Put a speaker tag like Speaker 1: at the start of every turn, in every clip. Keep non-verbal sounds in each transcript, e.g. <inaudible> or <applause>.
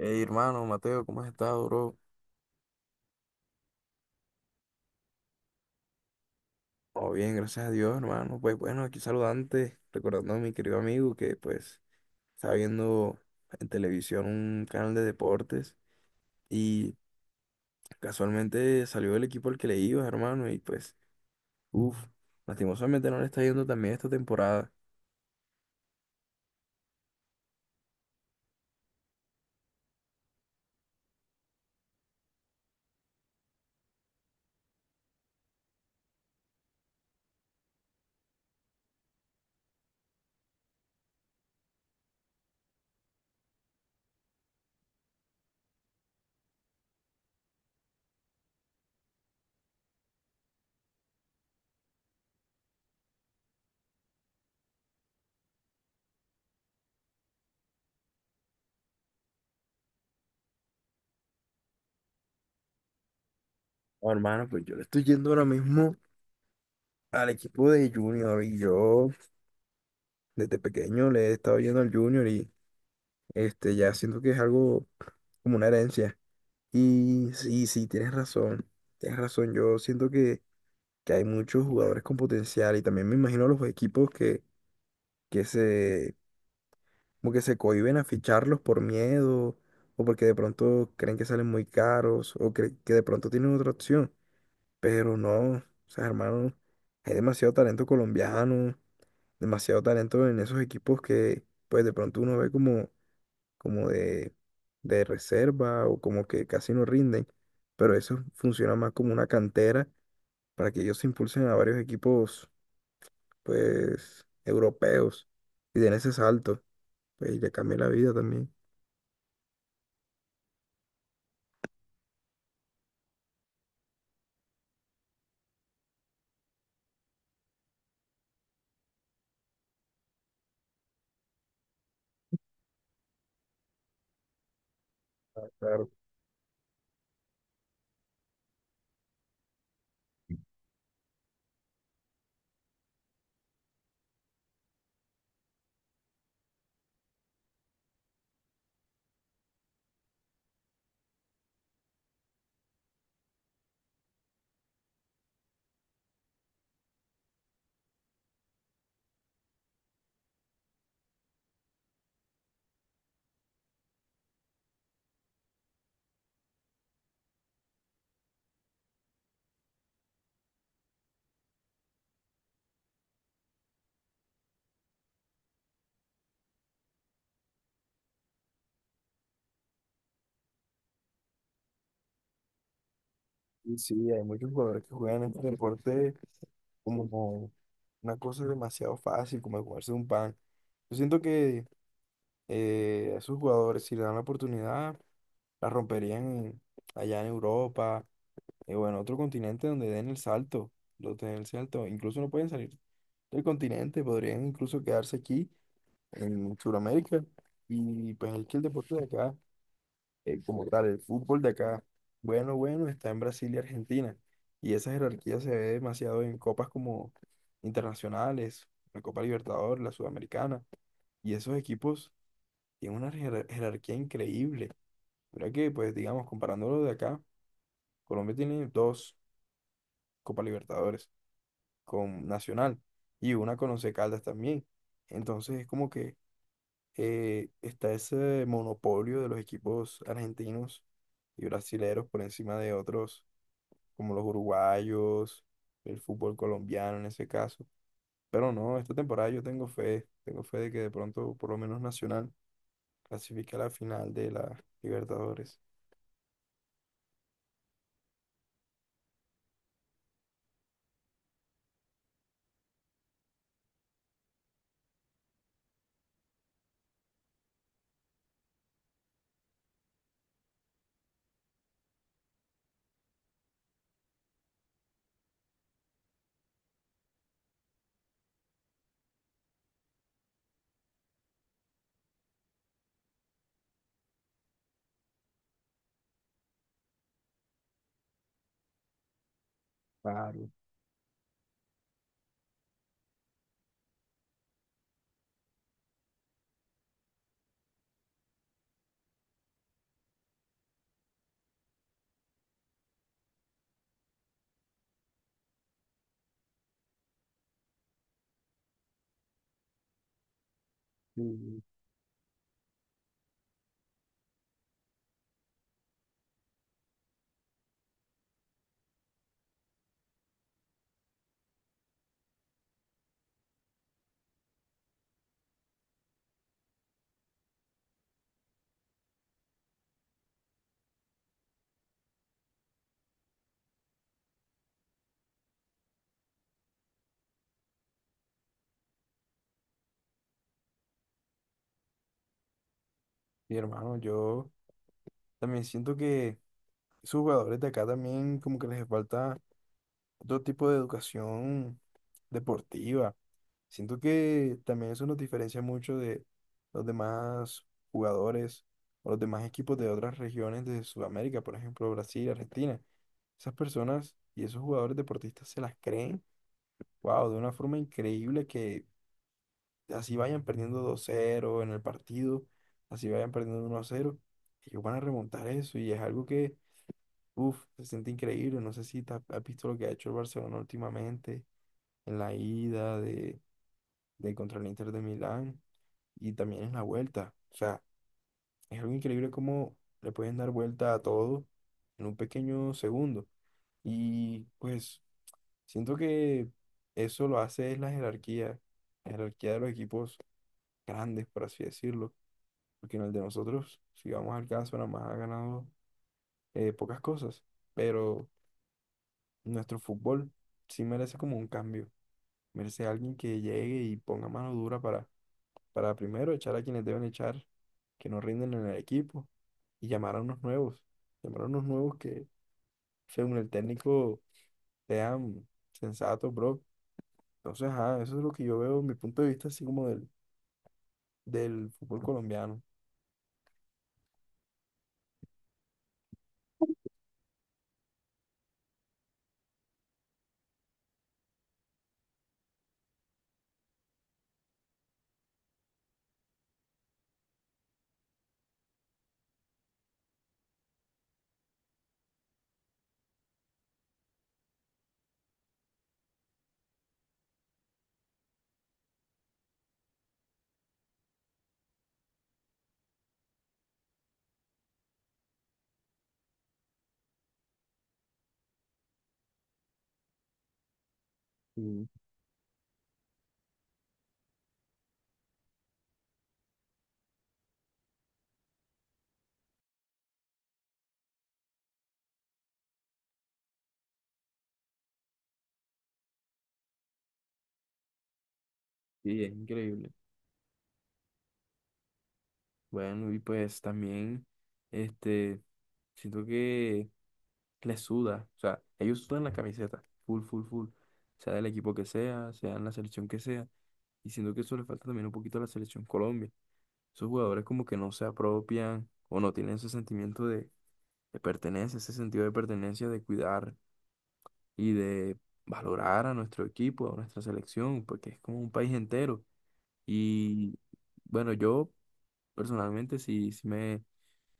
Speaker 1: Hey, hermano, Mateo, ¿cómo has estado, bro? Todo bien, gracias a Dios, hermano. Pues bueno, aquí saludante, recordando a mi querido amigo que pues estaba viendo en televisión un canal de deportes y casualmente salió el equipo al que le iba, hermano, y pues, uff, lastimosamente no le está yendo también esta temporada. Oh, hermano, pues yo le estoy yendo ahora mismo al equipo de Junior, y yo desde pequeño le he estado yendo al Junior, y este ya siento que es algo como una herencia. Y sí, sí, tienes razón, tienes razón. Yo siento que hay muchos jugadores con potencial, y también me imagino los equipos que se, como que se cohíben a ficharlos por miedo, o porque de pronto creen que salen muy caros, o que de pronto tienen otra opción. Pero no, o sea, hermano, hay demasiado talento colombiano, demasiado talento en esos equipos que pues de pronto uno ve como de reserva, o como que casi no rinden, pero eso funciona más como una cantera para que ellos se impulsen a varios equipos, pues, europeos, y den ese salto, pues, y le cambie la vida también. Ah, claro, y sí, hay muchos jugadores que juegan este deporte como una cosa demasiado fácil, como jugarse un pan. Yo siento que a esos jugadores, si le dan la oportunidad, la romperían allá en Europa, y bueno, otro continente donde den el salto, lo den el salto. Incluso no pueden salir del continente, podrían incluso quedarse aquí en Sudamérica. Y pues es que el deporte de acá, como tal, el fútbol de acá, bueno, bueno, está en Brasil y Argentina. Y esa jerarquía se ve demasiado en copas como internacionales, la Copa Libertadores, la Sudamericana. Y esos equipos tienen una jerarquía increíble. Mira que, pues digamos, comparándolo de acá, Colombia tiene dos Copa Libertadores, con Nacional, y una con Once Caldas también. Entonces es como que está ese monopolio de los equipos argentinos y brasileros por encima de otros, como los uruguayos, el fútbol colombiano en ese caso. Pero no, esta temporada yo tengo fe de que de pronto por lo menos Nacional clasifique a la final de la Libertadores. Claro. Sí. Mi hermano, yo también siento que esos jugadores de acá también como que les falta otro tipo de educación deportiva. Siento que también eso nos diferencia mucho de los demás jugadores o los demás equipos de otras regiones de Sudamérica, por ejemplo, Brasil, Argentina. Esas personas y esos jugadores deportistas se las creen, wow, de una forma increíble que así vayan perdiendo 2-0 en el partido, así vayan perdiendo 1-0, ellos van a remontar eso, y es algo que, uff, se siente increíble. No sé si te has visto lo que ha hecho el Barcelona últimamente en la ida de contra el Inter de Milán, y también en la vuelta. O sea, es algo increíble cómo le pueden dar vuelta a todo en un pequeño segundo. Y pues siento que eso lo hace es la jerarquía de los equipos grandes, por así decirlo. Porque en el de nosotros, si vamos al caso, nada más ha ganado pocas cosas. Pero nuestro fútbol sí merece como un cambio. Merece alguien que llegue y ponga mano dura para primero echar a quienes deben echar, que no rinden en el equipo, y llamar a unos nuevos, llamar a unos nuevos que, según el técnico, sean sensatos, bro. Entonces, ajá, eso es lo que yo veo, mi punto de vista, así como del, del fútbol colombiano. Sí, sí, es increíble. Bueno, y pues también, este, siento que les suda, o sea, ellos sudan la camiseta, full, full, full, sea del equipo que sea, sea en la selección que sea, y siento que eso le falta también un poquito a la selección Colombia. Esos jugadores como que no se apropian o no tienen ese sentimiento de, pertenencia, ese sentido de pertenencia, de cuidar y de valorar a nuestro equipo, a nuestra selección, porque es como un país entero. Y bueno, yo personalmente sí, sí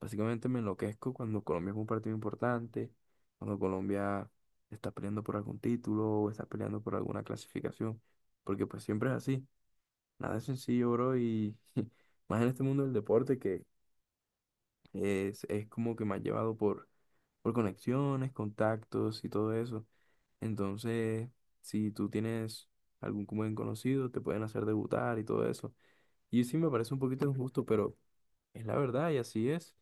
Speaker 1: básicamente me enloquezco cuando Colombia es un partido importante, cuando Colombia está peleando por algún título o está peleando por alguna clasificación, porque pues siempre es así. Nada es sencillo, bro, y <laughs> más en este mundo del deporte que es como que me ha llevado por conexiones, contactos y todo eso. Entonces, si tú tienes algún buen conocido, te pueden hacer debutar y todo eso. Y sí me parece un poquito injusto, pero es la verdad y así es.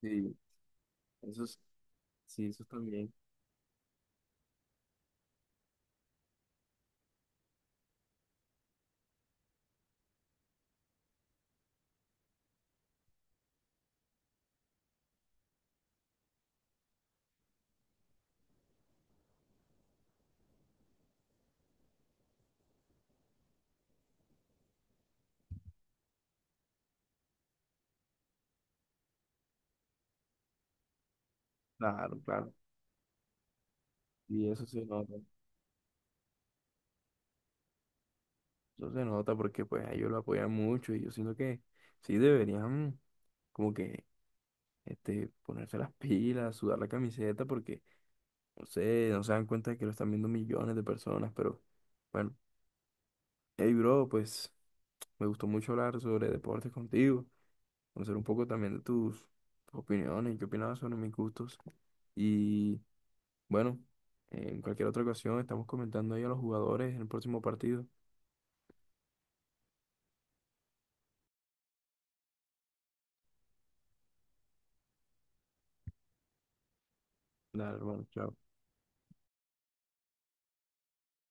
Speaker 1: Sí, eso es, sí, eso también. Claro, claro. Y eso se nota. Eso se nota porque pues a ellos lo apoyan mucho, y yo siento que sí deberían como que este, ponerse las pilas, sudar la camiseta, porque no sé, no se dan cuenta de que lo están viendo millones de personas, pero bueno. Hey, bro, pues me gustó mucho hablar sobre deportes contigo, conocer un poco también de tus opiniones, qué opinabas sobre mis gustos. Y bueno, en cualquier otra ocasión estamos comentando ahí a los jugadores en el próximo partido. Dale, hermano, chao.